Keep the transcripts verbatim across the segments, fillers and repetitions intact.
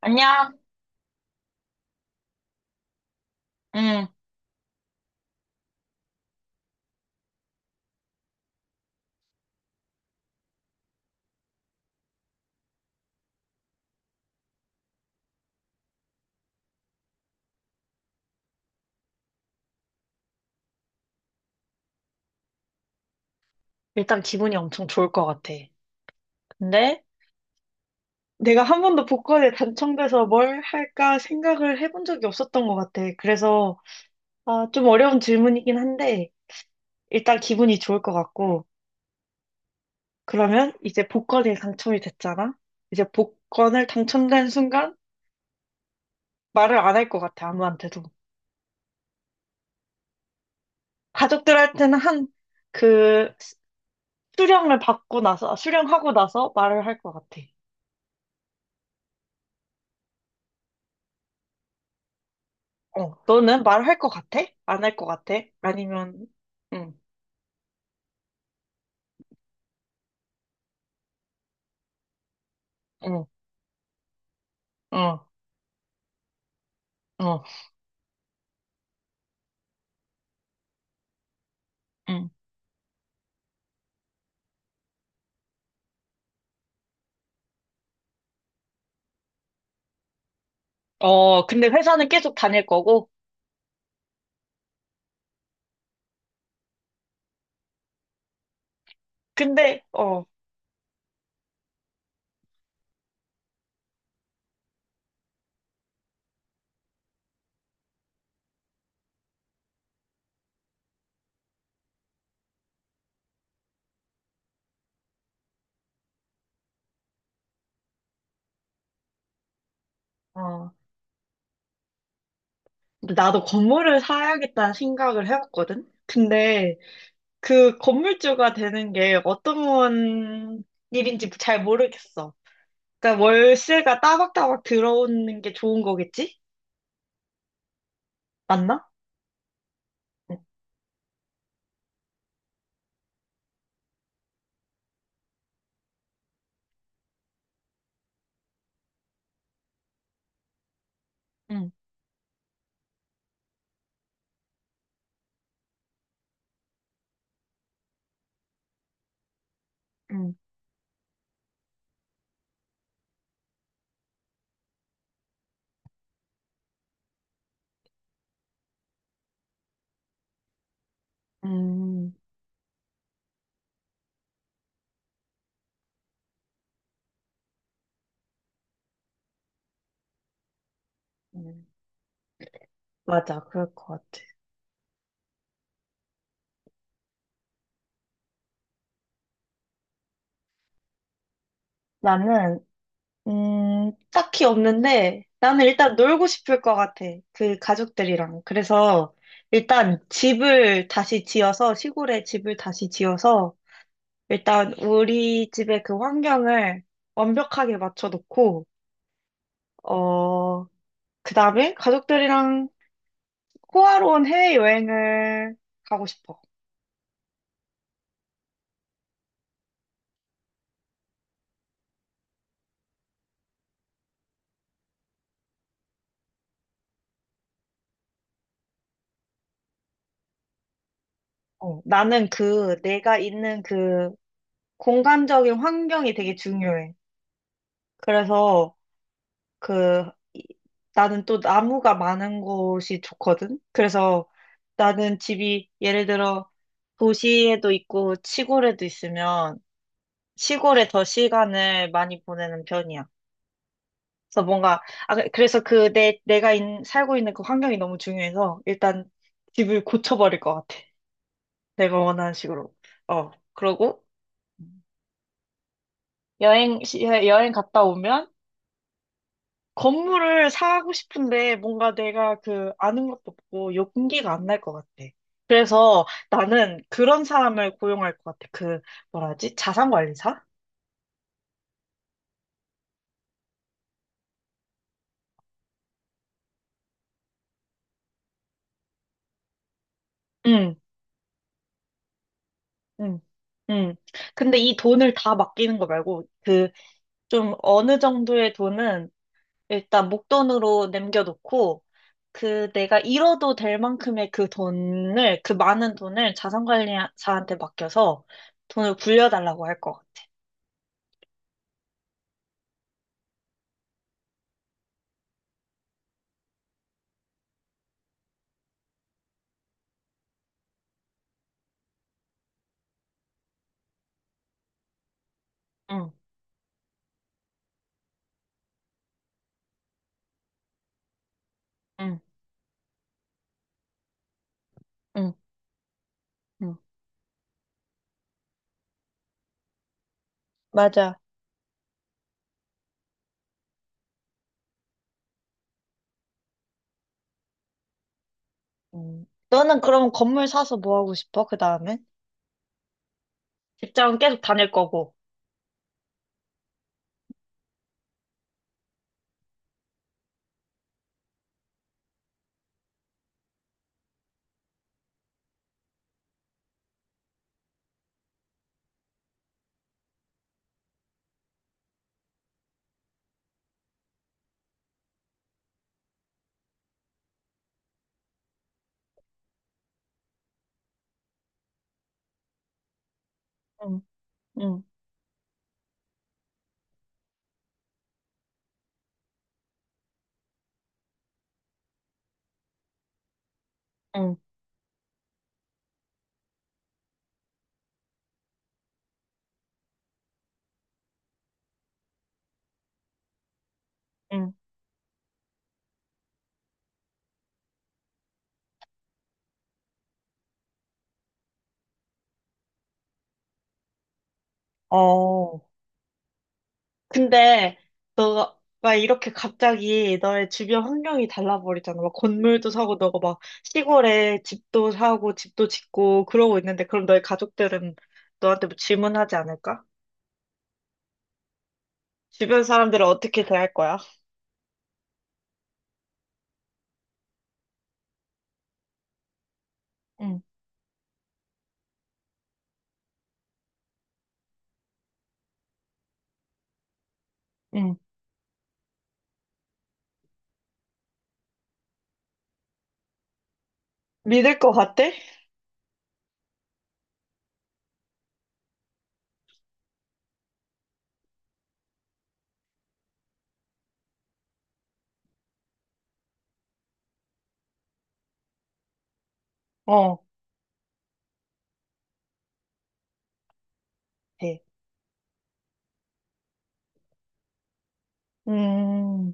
안녕. 응, 일단 기분이 엄청 좋을 것 같아. 근데, 내가 한 번도 복권에 당첨돼서 뭘 할까 생각을 해본 적이 없었던 것 같아. 그래서 아, 좀 어려운 질문이긴 한데 일단 기분이 좋을 것 같고, 그러면 이제 복권에 당첨이 됐잖아. 이제 복권을 당첨된 순간 말을 안 할 것 같아, 아무한테도. 가족들한테는 한 그 수령을 받고 나서, 수령하고 나서 말을 할 것 같아. 어, 너는 말할 것 같아? 안 할 것 같아? 아니면, 응, 응, 어, 어, 응. 어, 근데 회사는 계속 다닐 거고, 근데, 어, 어, 나도 건물을 사야겠다는 생각을 해봤거든? 근데 그 건물주가 되는 게 어떤 일인지 잘 모르겠어. 그러니까 월세가 따박따박 들어오는 게 좋은 거겠지? 맞나? 응, 응, 응. 응, 응. 맞아, 그럴 것 같아. 나는 음, 딱히 없는데, 나는 일단 놀고 싶을 것 같아. 그 가족들이랑. 그래서 일단 집을 다시 지어서, 시골에 집을 다시 지어서 일단 우리 집의 그 환경을 완벽하게 맞춰놓고, 어, 그다음에 가족들이랑 호화로운 해외여행을 가고 싶어. 어, 나는 그 내가 있는 그 공간적인 환경이 되게 중요해. 그래서 그, 이- 나는 또 나무가 많은 곳이 좋거든? 그래서 나는 집이 예를 들어 도시에도 있고 시골에도 있으면 시골에 더 시간을 많이 보내는 편이야. 그래서 뭔가, 아, 그- 그래서 그 내, 내가 인- 살고 있는 그 환경이 너무 중요해서 일단 집을 고쳐버릴 것 같아. 내가 원하는 식으로. 어, 그러고 여행, 시- 여행 갔다 오면 건물을 사고 싶은데 뭔가 내가 그 아는 것도 없고 용기가 안 날 것 같아. 그래서 나는 그런 사람을 고용할 것 같아. 그 뭐라 하지? 자산관리사? 응, 응, 응. 근데 이 돈을 다 맡기는 거 말고, 그 좀 어느 정도의 돈은 일단 목돈으로 남겨놓고, 그 내가 잃어도 될 만큼의 그 돈을, 그 많은 돈을 자산관리사한테 맡겨서 돈을 굴려달라고 할 것 같아. 응, 응, 응. 응. 맞아. 음. 너는 그럼 건물 사서 뭐 하고 싶어? 그 다음에? 직장은 계속 다닐 거고. 응, 응, 응, 응. 어. 근데 너가 이렇게 갑자기 너의 주변 환경이 달라버리잖아. 막 건물도 사고, 너가 막 시골에 집도 사고 집도 짓고 그러고 있는데, 그럼 너의 가족들은 너한테 뭐 질문하지 않을까? 주변 사람들은 어떻게 대할 거야? 응, 응. 믿을 것 같아? 어, 네. 음,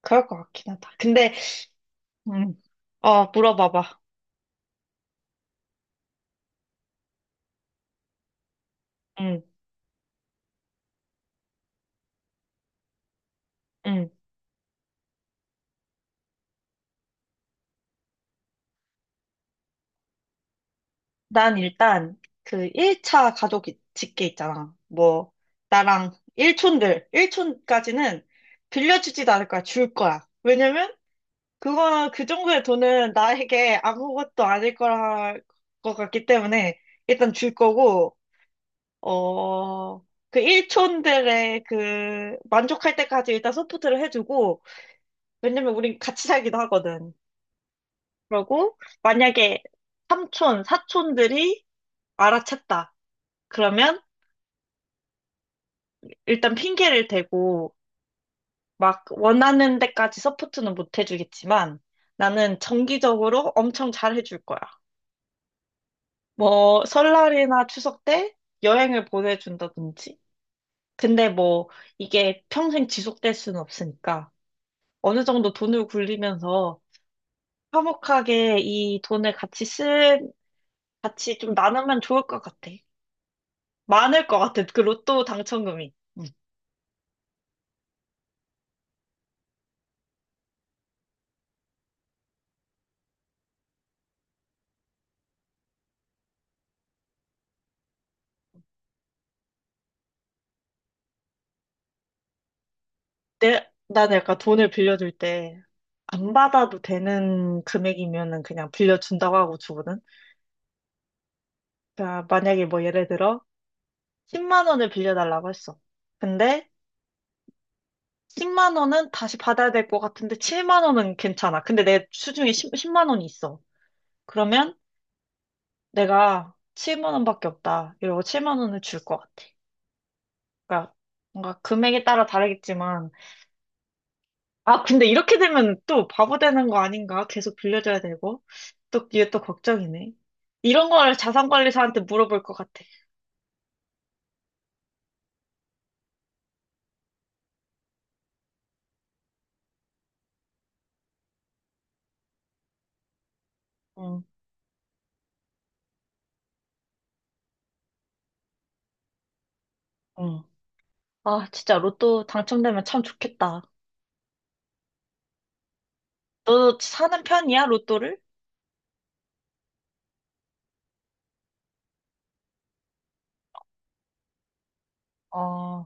그럴 것 같긴 하다. 근데 응. 어, 물어봐봐. 응, 응. 난 일단 그 일 차 가족 집계 있잖아. 뭐, 나랑 일촌들, 일촌까지는 빌려주지도 않을 거야. 줄 거야. 왜냐면, 그거, 그 정도의 돈은 나에게 아무것도 아닐 거라, 것 같기 때문에 일단 줄 거고, 어, 그 일촌들의 그 만족할 때까지 일단 서포트를 해주고, 왜냐면 우린 같이 살기도 하거든. 그러고 만약에 삼촌, 사촌들이 알아챘다. 그러면 일단 핑계를 대고, 막 원하는 데까지 서포트는 못 해주겠지만 나는 정기적으로 엄청 잘 해줄 거야. 뭐 설날이나 추석 때 여행을 보내준다든지. 근데 뭐 이게 평생 지속될 수는 없으니까 어느 정도 돈을 굴리면서 화목하게 이 돈을 같이 쓴, 같이 좀 나누면 좋을 것 같아. 많을 것 같아. 그 로또 당첨금이. 응. 내, 나는 약간 돈을 빌려줄 때 안 받아도 되는 금액이면은 그냥 빌려준다고 하고 주거든. 그러니까 만약에 뭐 예를 들어 십만 원을 빌려달라고 했어. 근데 십만 원은 다시 받아야 될 것 같은데 칠만 원은 괜찮아. 근데 내 수중에 십, 만 원이 있어. 그러면 내가 칠만 원밖에 없다. 이러고 칠만 원을 줄 것 같아. 그러니까 뭔가 금액에 따라 다르겠지만 아, 근데 이렇게 되면 또 바보 되는 거 아닌가? 계속 빌려줘야 되고. 또, 이게 또 걱정이네. 이런 걸 자산관리사한테 물어볼 것 같아. 응, 응. 아, 진짜 로또 당첨되면 참 좋겠다. 너 사는 편이야, 로또를? 어,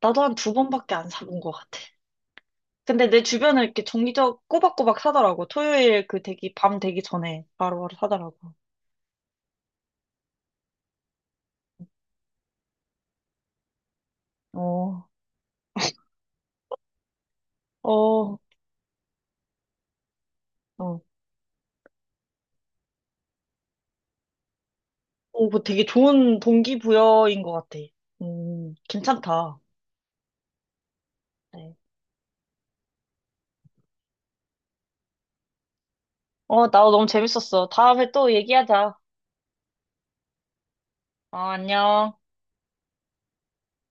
나도 한 두 번밖에 안 사본 것 같아. 근데 내 주변은 이렇게 정기적 꼬박꼬박 사더라고. 토요일 그 되기, 밤 되기 전에 바로바로 사더라고. 어, 어, 어. 오, 뭐 되게 좋은 동기부여인 것 같아. 음, 괜찮다. 네. 어, 나도 너무 재밌었어. 다음에 또 얘기하자. 어, 안녕.